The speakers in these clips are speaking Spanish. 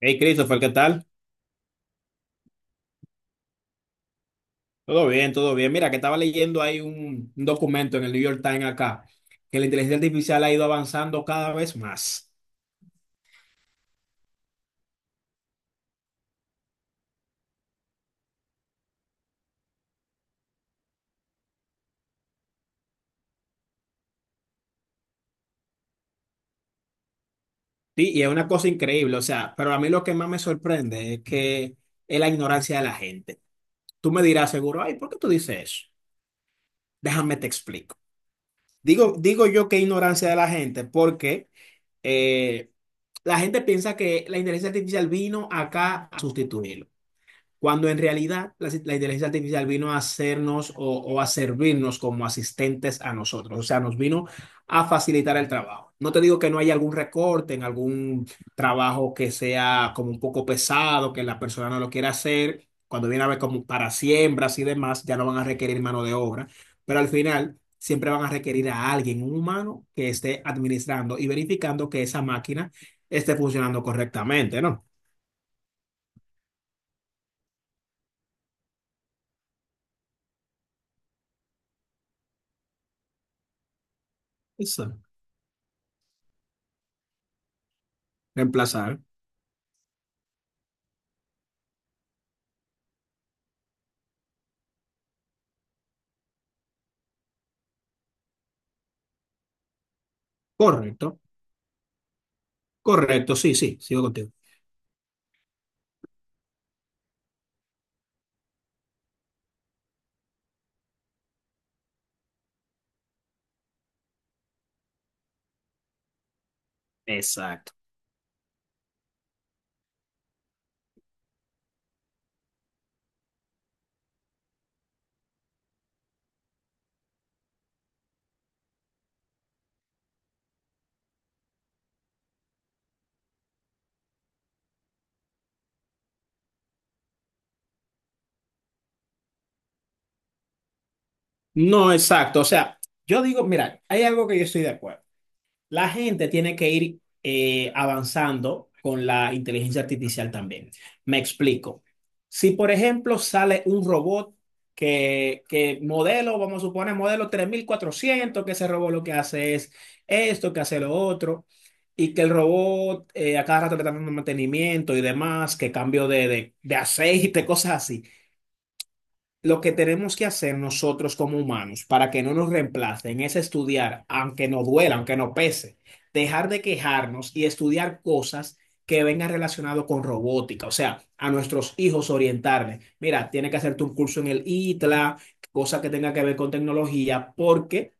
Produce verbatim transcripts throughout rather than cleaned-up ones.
Hey Christopher, ¿qué tal? Todo bien, todo bien. Mira, que estaba leyendo ahí un, un documento en el New York Times acá, que la inteligencia artificial ha ido avanzando cada vez más. Sí, y es una cosa increíble, o sea, pero a mí lo que más me sorprende es que es la ignorancia de la gente. Tú me dirás seguro, ay, ¿por qué tú dices eso? Déjame te explico. Digo, digo yo que ignorancia de la gente porque eh, la gente piensa que la inteligencia artificial vino acá a sustituirlo. Cuando en realidad la, la inteligencia artificial vino a hacernos o, o a servirnos como asistentes a nosotros, o sea, nos vino a facilitar el trabajo. No te digo que no haya algún recorte en algún trabajo que sea como un poco pesado, que la persona no lo quiera hacer, cuando viene a ver como para siembras y demás, ya no van a requerir mano de obra, pero al final siempre van a requerir a alguien, un humano, que esté administrando y verificando que esa máquina esté funcionando correctamente, ¿no? Eso, reemplazar, correcto. Correcto, sí, sí, sigo contigo. Exacto. No, exacto. O sea, yo digo, mira, hay algo que yo estoy de acuerdo. La gente tiene que ir eh, avanzando con la inteligencia artificial también. Me explico. Si, por ejemplo, sale un robot que, que modelo, vamos a suponer, modelo tres mil cuatrocientos, que ese robot lo que hace es esto, que hace lo otro, y que el robot eh, a cada rato le está dando mantenimiento y demás, que cambio de, de, de aceite, cosas así. Lo que tenemos que hacer nosotros como humanos para que no nos reemplacen es estudiar, aunque nos duela, aunque nos pese, dejar de quejarnos y estudiar cosas que vengan relacionado con robótica, o sea, a nuestros hijos orientarles. Mira, tiene que hacerte un curso en el I T L A, cosa que tenga que ver con tecnología, porque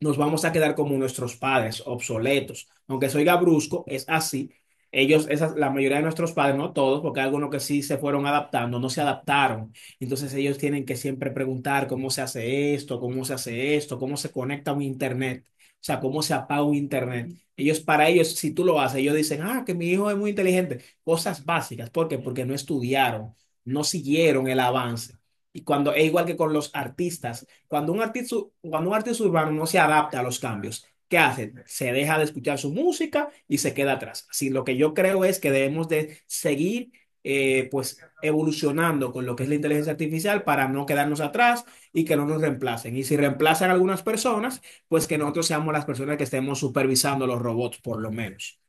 nos vamos a quedar como nuestros padres, obsoletos. Aunque soy gabrusco, es así. Ellos, esas, la mayoría de nuestros padres, no todos, porque hay algunos que sí se fueron adaptando, no se adaptaron. Entonces ellos tienen que siempre preguntar cómo se hace esto, cómo se hace esto, cómo se conecta un internet, o sea, cómo se apaga un internet. Ellos, para ellos, si tú lo haces, ellos dicen, ah, que mi hijo es muy inteligente. Cosas básicas. ¿Por qué? Porque no estudiaron, no siguieron el avance. Y cuando es igual que con los artistas. Cuando un artista, cuando un artista urbano no se adapta a los cambios, ¿qué hace? Se deja de escuchar su música y se queda atrás. Así, lo que yo creo es que debemos de seguir eh, pues evolucionando con lo que es la inteligencia artificial para no quedarnos atrás y que no nos reemplacen. Y si reemplazan a algunas personas, pues que nosotros seamos las personas que estemos supervisando los robots, por lo menos.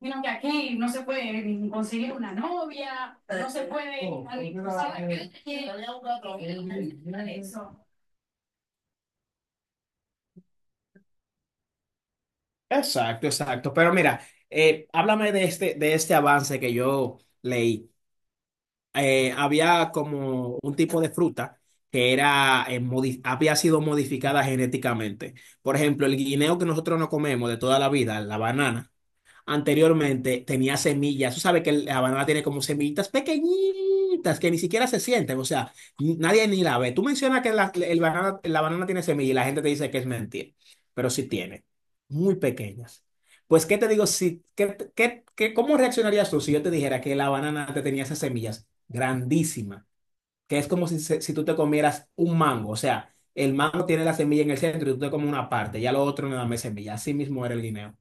Sino que aquí no se puede conseguir una novia, no se puede eso. Exacto, exacto. Pero mira, eh, háblame de este, de este avance que yo leí. Eh, había como un tipo de fruta que era, eh, modi- había sido modificada genéticamente. Por ejemplo, el guineo que nosotros no comemos de toda la vida, la banana anteriormente tenía semillas. Tú sabes que la banana tiene como semillitas pequeñitas que ni siquiera se sienten, o sea, ni- nadie ni la ve. Tú mencionas que la, el banana, la banana tiene semillas y la gente te dice que es mentira, pero sí tiene, muy pequeñas. Pues, ¿qué te digo? Si, ¿qué, qué, qué- cómo reaccionarías tú si yo te dijera que la banana te tenía esas semillas grandísimas? Que es como si, se- si tú te comieras un mango, o sea, el mango tiene la semilla en el centro y tú te comes una parte, ya lo otro no da más semilla. Así mismo era el guineo.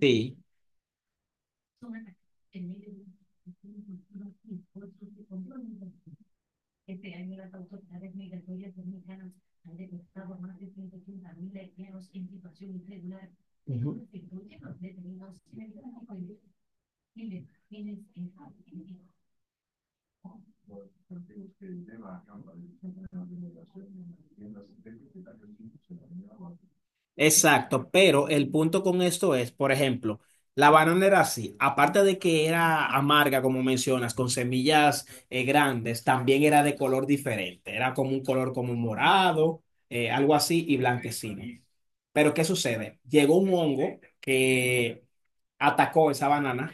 Sí. Ujú. Exacto, pero el punto con esto es, por ejemplo, la banana era así, aparte de que era amarga, como mencionas, con semillas eh, grandes, también era de color diferente, era como un color como morado, eh, algo así, y blanquecino. Pero ¿qué sucede? Llegó un hongo que atacó esa banana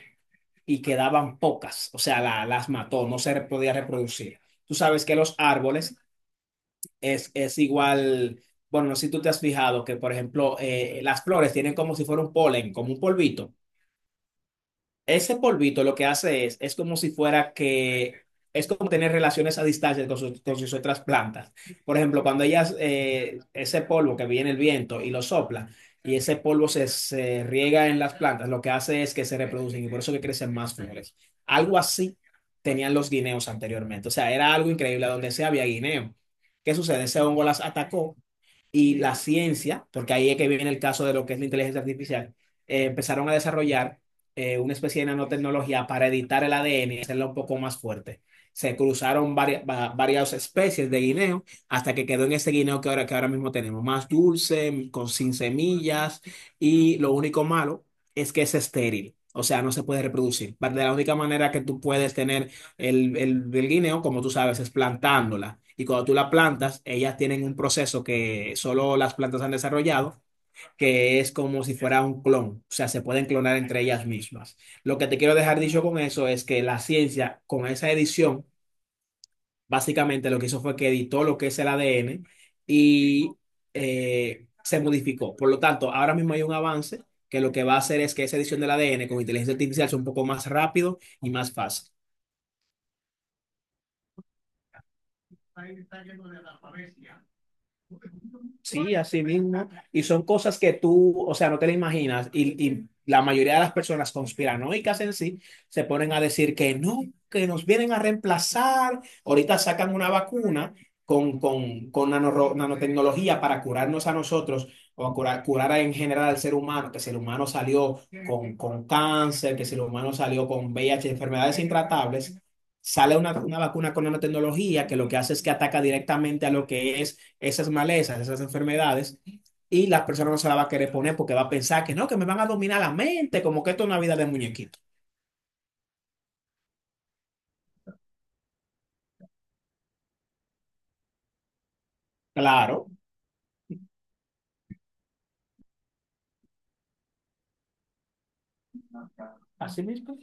y quedaban pocas, o sea, la- las mató, no se re- podía reproducir. Tú sabes que los árboles es, es igual, bueno, no sé si tú te has fijado que, por ejemplo, eh, las flores tienen como si fuera un polen, como un polvito. Ese polvito lo que hace es, es como si fuera que, es como tener relaciones a distancia con sus, con sus otras plantas. Por ejemplo, cuando ellas, eh, ese polvo que viene el viento y lo sopla, y ese polvo se, se riega en las plantas, lo que hace es que se reproducen y por eso que crecen más flores. Algo así tenían los guineos anteriormente. O sea, era algo increíble, donde sea había guineo. ¿Qué sucede? Ese hongo las atacó y la ciencia, porque ahí es que viene el caso de lo que es la inteligencia artificial, eh, empezaron a desarrollar eh, una especie de nanotecnología para editar el A D N y hacerlo un poco más fuerte. Se cruzaron varias, va- varias especies de guineo hasta que quedó en ese guineo que ahora, que ahora mismo tenemos, más dulce, con sin semillas y lo único malo es que es estéril, o sea, no se puede reproducir. Va- De la única manera que tú puedes tener el, el, el guineo, como tú sabes, es plantándola. Y cuando tú la plantas, ellas tienen un proceso que solo las plantas han desarrollado, que es como si fuera un clon. O sea, se pueden clonar entre ellas mismas. Lo que te quiero dejar dicho con eso es que la ciencia, con esa edición, básicamente lo que hizo fue que editó lo que es el A D N y eh, se modificó. Por lo tanto, ahora mismo hay un avance que lo que va a hacer es que esa edición del A D N con inteligencia artificial sea un poco más rápido y más fácil. Sí, así mismo. Y son cosas que tú, o sea, no te las imaginas. Y, y la mayoría de las personas conspiranoicas en sí se ponen a decir que no, que nos vienen a reemplazar. Ahorita sacan una vacuna con, con, con nanoro- nanotecnología para curarnos a nosotros o a curar, curar en general al ser humano, que si el humano salió con, con cáncer, que si el humano salió con V I h enfermedades intratables. Sale una, una vacuna con nanotecnología que lo que hace es que ataca directamente a lo que es esas malezas, esas enfermedades, y la persona no se la va a querer poner porque va a pensar que no, que me van a dominar la mente, como que esto es una vida de muñequito. Claro, así mismo.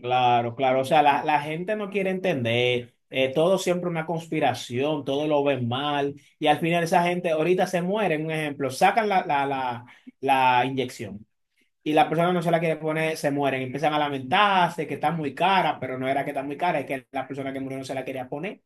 Claro, claro. O sea, la, la gente no quiere entender. Eh, todo siempre una conspiración, todo lo ven mal, y al final esa gente ahorita se muere, un ejemplo, sacan la, la, la, la inyección. Y la persona no se la quiere poner, se mueren, empiezan a lamentarse que está muy cara, pero no era que está muy cara, es que la persona que murió no se la quería poner.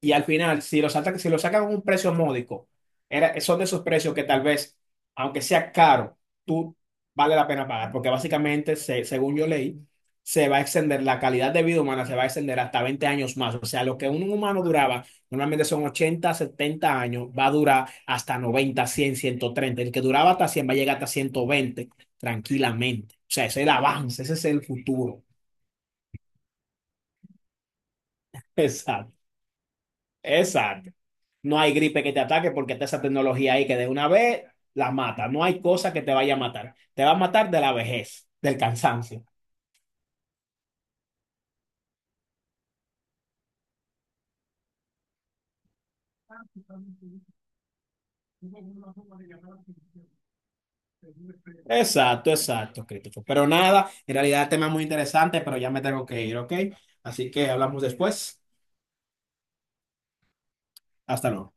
Y al final, si lo sacan, si lo sacan a un precio módico, era, son de esos precios que tal vez, aunque sea caro, tú vale la pena pagar, porque básicamente, se- según yo leí, se va a extender, la calidad de vida humana se va a extender hasta veinte años más. O sea, lo que un humano duraba, normalmente son ochenta setenta años, va a durar hasta noventa cien ciento treinta. El que duraba hasta cien va a llegar hasta ciento veinte tranquilamente. O sea, ese es el avance, ese es el futuro. Exacto, exacto. No hay gripe que te ataque porque está esa tecnología ahí que de una vez la mata. No hay cosa que te vaya a matar. Te va a matar de la vejez, del cansancio. Exacto, exacto, Crítico. Pero nada, en realidad el tema es muy interesante, pero ya me tengo que ir, ¿ok? Así que hablamos después. Hasta luego.